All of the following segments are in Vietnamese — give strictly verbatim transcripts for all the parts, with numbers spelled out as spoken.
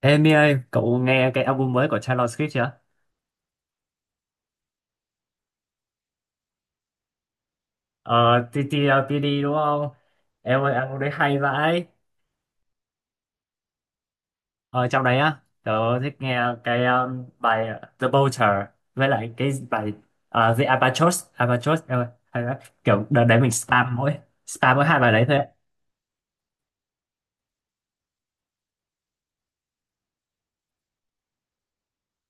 Ê Mi ơi, cậu nghe cái album mới của Taylor Swift chưa? Ờ, tê tê e lờ pê đê đúng không? Em ơi, album đấy hay vãi. Ờ, trong đấy á, tớ thích nghe cái um, bài The Vulture với lại cái bài ờ, The Albatross. Albatross, em ơi, hay lắm. Kiểu đợt đấy mình spam mỗi, spam mỗi hai bài đấy thôi. Ấy.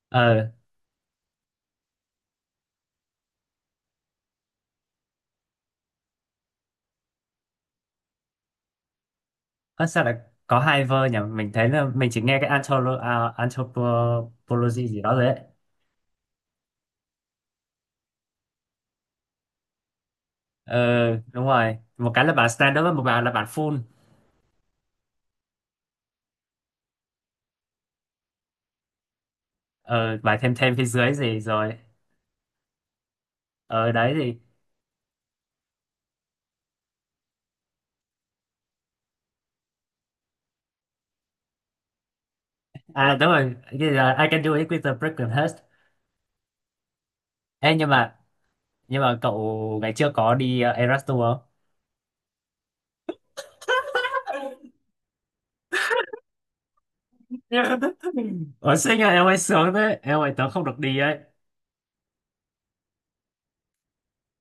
Ờ, ơ, sao lại có hai verse nhỉ? Mình thấy là mình chỉ nghe cái Antholo, à, Anthropology gì đó đấy. Ờ, đúng rồi. Một cái là bản standard, và một bài là bản full. Ờ, bài thêm thêm phía dưới gì rồi. Ờ đấy thì, à đúng rồi, cái là I can do it with a broken heart. Ê, nhưng mà nhưng mà cậu ngày trước có đi uh, Eras Tour không? Ủa xinh à, em ơi sướng thế. Em ơi, tớ không được đi ấy.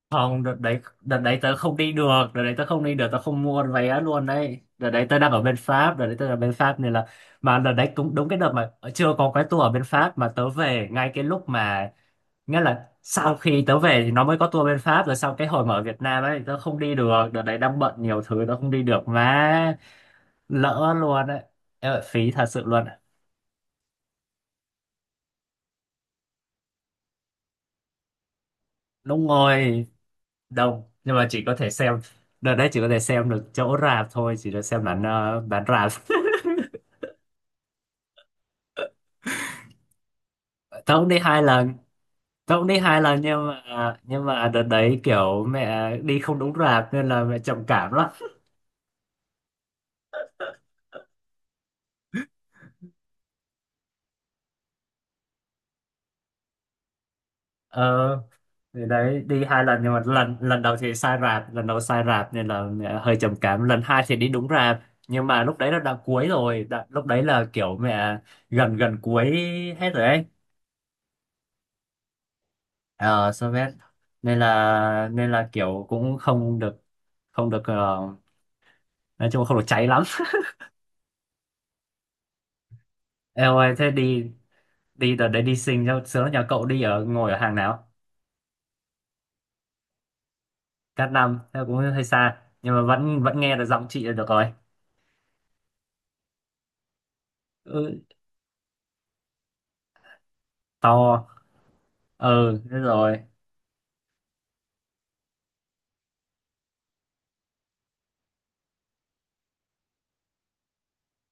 Không, đợt đấy đợt đấy tớ không đi được, đợt đấy tớ không đi được, tớ không mua vé luôn đấy. Đợt đấy tớ đang ở bên Pháp, đợt đấy tớ ở bên Pháp nên là, mà đợt đấy cũng đúng cái đợt mà ờ, chưa có cái tour ở bên Pháp mà tớ về ngay cái lúc mà, nghĩa là sau khi tớ về thì nó mới có tour bên Pháp. Rồi sau cái hồi mà ở Việt Nam ấy, tớ không đi được, đợt đấy đang bận nhiều thứ, tớ không đi được mà, lỡ luôn đấy. Em ơi, phí thật sự luôn. Đúng rồi, đông nhưng mà chỉ có thể xem, đợt đấy chỉ có thể xem được chỗ rạp thôi, chỉ được xem bản ờ, bản rạp. Tớ cũng đi hai lần, tớ cũng đi hai lần nhưng mà nhưng mà đợt đấy kiểu mẹ đi không đúng rạp nên là mẹ trầm cảm lắm. Ờ thì đấy, đi hai lần nhưng mà lần lần đầu thì sai rạp, lần đầu sai rạp nên là mẹ hơi trầm cảm, lần hai thì đi đúng rạp nhưng mà lúc đấy là đã cuối rồi đã, lúc đấy là kiểu mẹ gần gần cuối, hết rồi ấy. Ờ so với, nên là nên là kiểu cũng không được, không được ờ, nói chung không được cháy lắm. Eo ơi thế đi, đi đợt đấy đi sinh cho sướng. Nhà cậu đi ở, ngồi ở hàng nào? Cát Năm, thế cũng hơi xa nhưng mà vẫn vẫn nghe được giọng chị là được rồi. Ừ, to. Ừ thế rồi.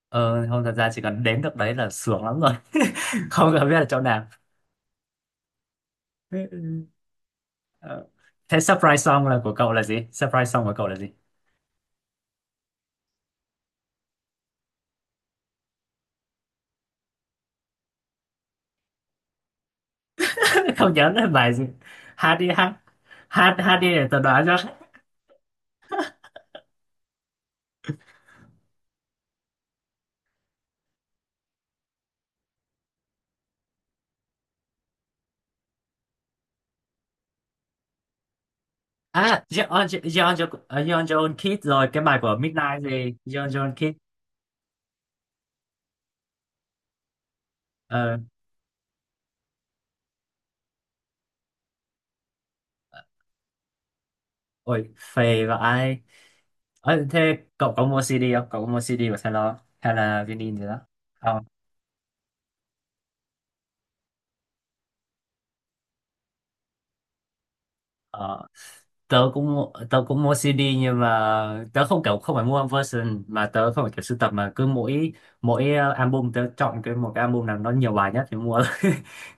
Ừ, không thật ra chỉ cần đến được đấy là sướng lắm rồi. Không cần biết là chỗ nào. Ờ. Thế surprise song là của cậu là gì, surprise song của cậu là gì? Không nhớ là bài gì, hát đi hát hát hát đi để tớ đoán cho. À John John, John John Kidd, rồi cái bài của Midnight gì. John John Kidd. Ờ, ôi, phê vãi. Ơ, thế cậu có mua xê đê không? Cậu có mua xê đê của Taylor hay là vinyl gì đó? Không. Ờ, tớ cũng mua- tớ cũng mua xê đê nhưng mà tớ không kiểu không phải mua version, mà tớ không phải kiểu sưu tập, mà cứ mỗi mỗi ờ, album tớ chọn cái một cái album nào nó nhiều bài nhất thì mua.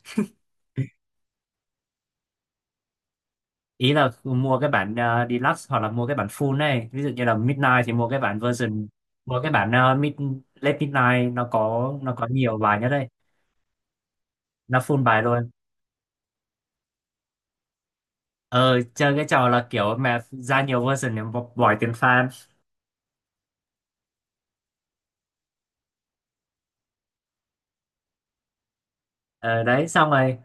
Ý là mua cái bản ờ, deluxe hoặc là mua cái bản full này. Ví dụ như là Midnight thì mua cái bản version, mua cái bản ờ, mid, late Midnight, nó có nó có nhiều bài nhất đây. Nó full bài luôn. Ờ, chơi cái trò là kiểu map ra nhiều version để bỏ, bỏ tiền farm. Ờ đấy xong rồi,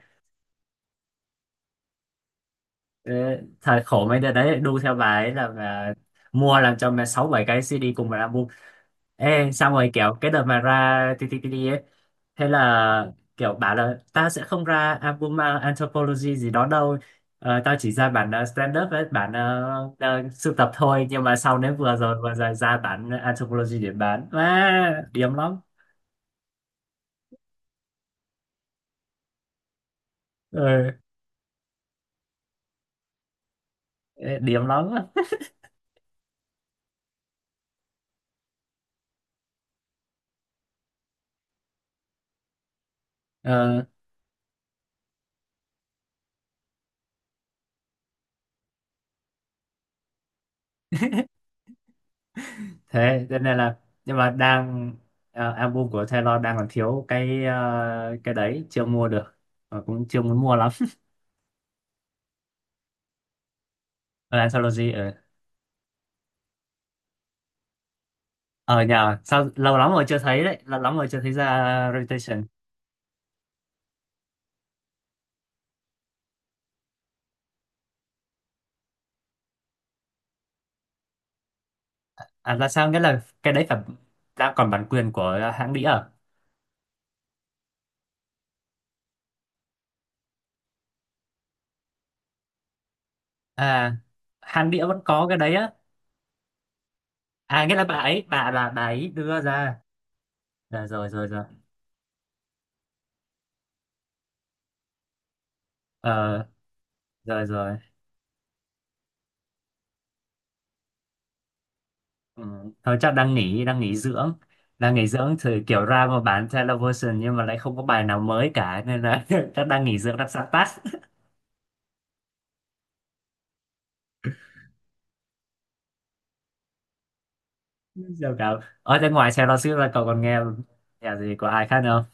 ờ, thời khổ mấy đứa đấy lại đu theo bà ấy là mà, mua làm cho mẹ sáu bảy cái si di cùng một album. Ê xong rồi kiểu cái đợt mà ra tê tê tê đê ấy, thế là kiểu bảo là tao sẽ không ra album, à, Anthropology gì đó đâu. Ờ, tao chỉ ra bản uh, stand up với bản uh, uh, sưu tập thôi. Nhưng mà sau đến vừa rồi vừa rồi ra bản Anthropology để bán, à, điểm lắm. Ừ, điểm lắm. Ờ, thế cho nên là nhưng mà đang, ờ, album của Taylor đang còn thiếu cái ờ, cái đấy chưa mua được. Ờ, cũng chưa muốn mua lắm. Anthology ở, ở nhà sao lâu lắm rồi chưa thấy đấy, lâu lắm rồi chưa thấy ra Reputation. À là sao, nghĩa là cái đấy phải đang còn bản quyền của hãng đĩa à? À, hãng đĩa vẫn có cái đấy á. À nghĩa là bà ấy, bà là bà ấy đưa ra. Dạ, rồi rồi rồi Ờ, rồi rồi Ừ. Thôi chắc đang nghỉ, đang nghỉ dưỡng, đang nghỉ dưỡng thì kiểu ra mà bán television nhưng mà lại không có bài nào mới cả nên là chắc đang nghỉ dưỡng đang sáng tác. Giờ cả ở bên ngoài Taylor Swift là cậu còn nghe nhạc gì của ai khác không?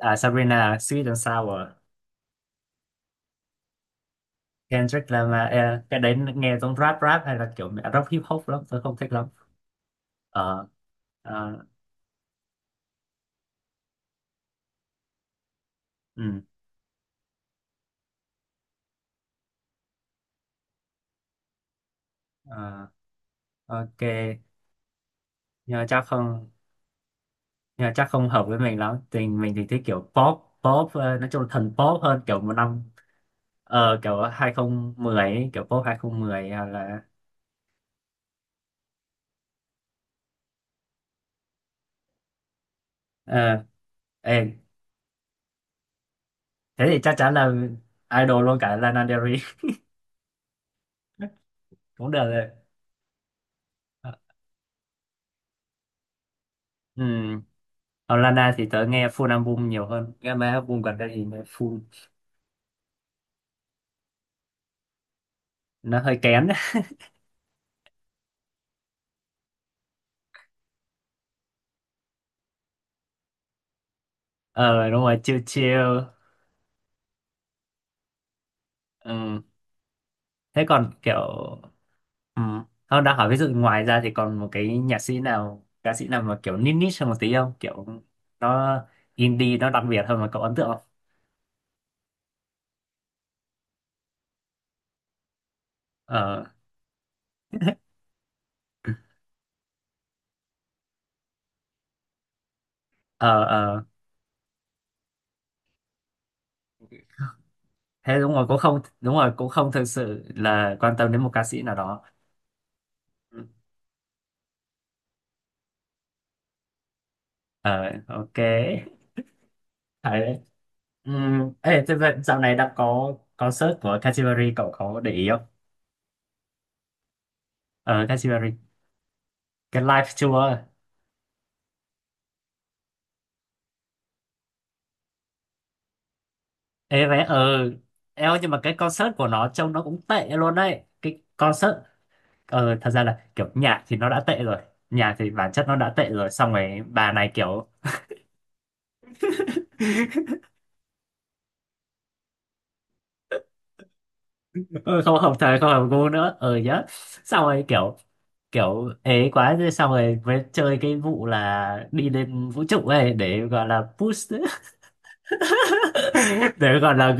À Sabrina, Sweet and Sour. Kendrick Lamar. Ờ, cái đấy nghe giống rap rap hay là kiểu rock hip hop, lắm tôi không thích lắm. Ờ ờ, ừ, ờ, ok. Nhưng mà chắc không, nhưng mà chắc không hợp với mình lắm. Tình mình thì thích kiểu pop pop ờ, nói chung là thần pop hơn, kiểu một năm, ờ kiểu hai không một không ấy, kiểu pop hai không một không hay là. Ờ ê, thế thì chắc chắn là idol luôn cả Lana Del Rey. Cũng được rồi. Ừ, còn Lana thì tớ nghe full album nhiều hơn, nghe mấy album gần đây thì nghe full. Nó hơi kén. Ờ đúng rồi, chill chill. Ừ. Thế còn kiểu, ừ, không đang hỏi ví dụ ngoài ra thì còn một cái nhạc sĩ nào, ca sĩ nào mà kiểu niche niche hơn một tí không, kiểu nó indie, nó đặc biệt hơn mà cậu ấn tượng không? Ờ. Ờ ờ, thế đúng rồi cũng không, đúng rồi cũng không thực sự là quan tâm đến một ca sĩ nào đó. Ừ. Ờ ok, phải đấy. Ừm, ê thế vậy dạo này đã có concert của Katy Perry, cậu có để ý không? Ờ Katy Perry, cái live tour. Ê vé ờ, eo nhưng mà cái concert của nó trông nó cũng tệ luôn đấy, cái concert. Ờ thật ra là kiểu nhạc thì nó đã tệ rồi, nhạc thì bản chất nó đã tệ rồi xong rồi bà này kiểu, ừ, không hợp thời không hợp gu nữa, ờ ừ, nhá. Xong rồi kiểu, kiểu ấy quá thế xong rồi mới chơi cái vụ là đi lên vũ trụ ấy để gọi là push. Để gọi là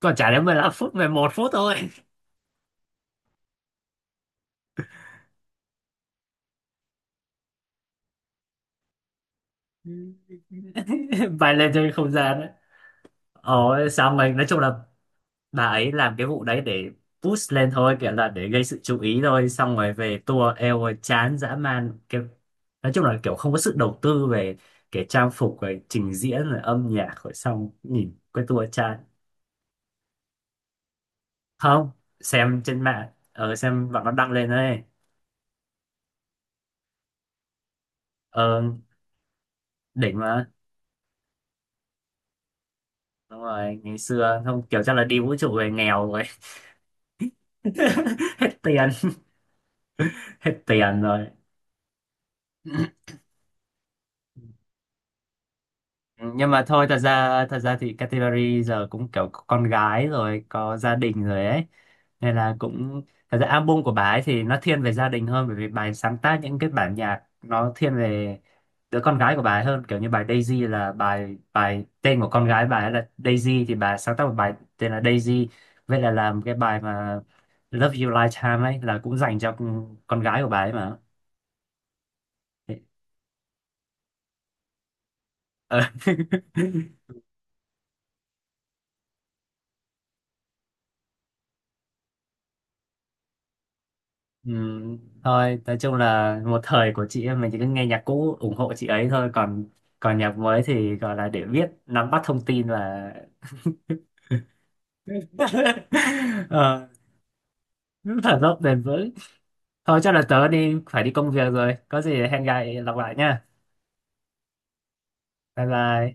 còn chả đến mười lăm phút, mười một phút thôi. Bay lên trên không gian ấy. Ồ, xong rồi nói chung là bà ấy làm cái vụ đấy để push lên thôi, kiểu là để gây sự chú ý thôi. Xong rồi về tour, eo ơi, chán dã man, kiểu nói chung là kiểu không có sự đầu tư về cái trang phục rồi trình diễn rồi âm nhạc rồi, xong nhìn cái tour chán. Không, xem trên mạng, ờ, xem bạn nó đăng lên đấy. Ờ, đỉnh mà. Đúng rồi, ngày xưa không kiểu, chắc là đi vũ trụ về nghèo rồi. Hết tiền, hết tiền rồi. Ừ, nhưng mà thôi, thật ra thật ra thì Katy Perry giờ cũng kiểu có con gái rồi, có gia đình rồi ấy nên là cũng, thật ra album của bà ấy thì nó thiên về gia đình hơn, bởi vì bà ấy sáng tác những cái bản nhạc nó thiên về đứa con gái của bà ấy hơn, kiểu như bài Daisy là bài bài tên của con gái bà ấy là Daisy, thì bà ấy sáng tác một bài tên là Daisy. Vậy là làm cái bài mà Love You Lifetime ấy là cũng dành cho con con gái của bà ấy mà. Ờ. Ừ, thôi nói chung là một thời của chị em mình, chỉ cứ nghe nhạc cũ ủng hộ chị ấy thôi, còn còn nhạc mới thì gọi là để biết nắm bắt thông tin và. Ờ, thở dốc bền vững. Thôi chắc là tớ đi, phải đi công việc rồi, có gì hẹn gặp lại, lặp lại nha. Bye bye.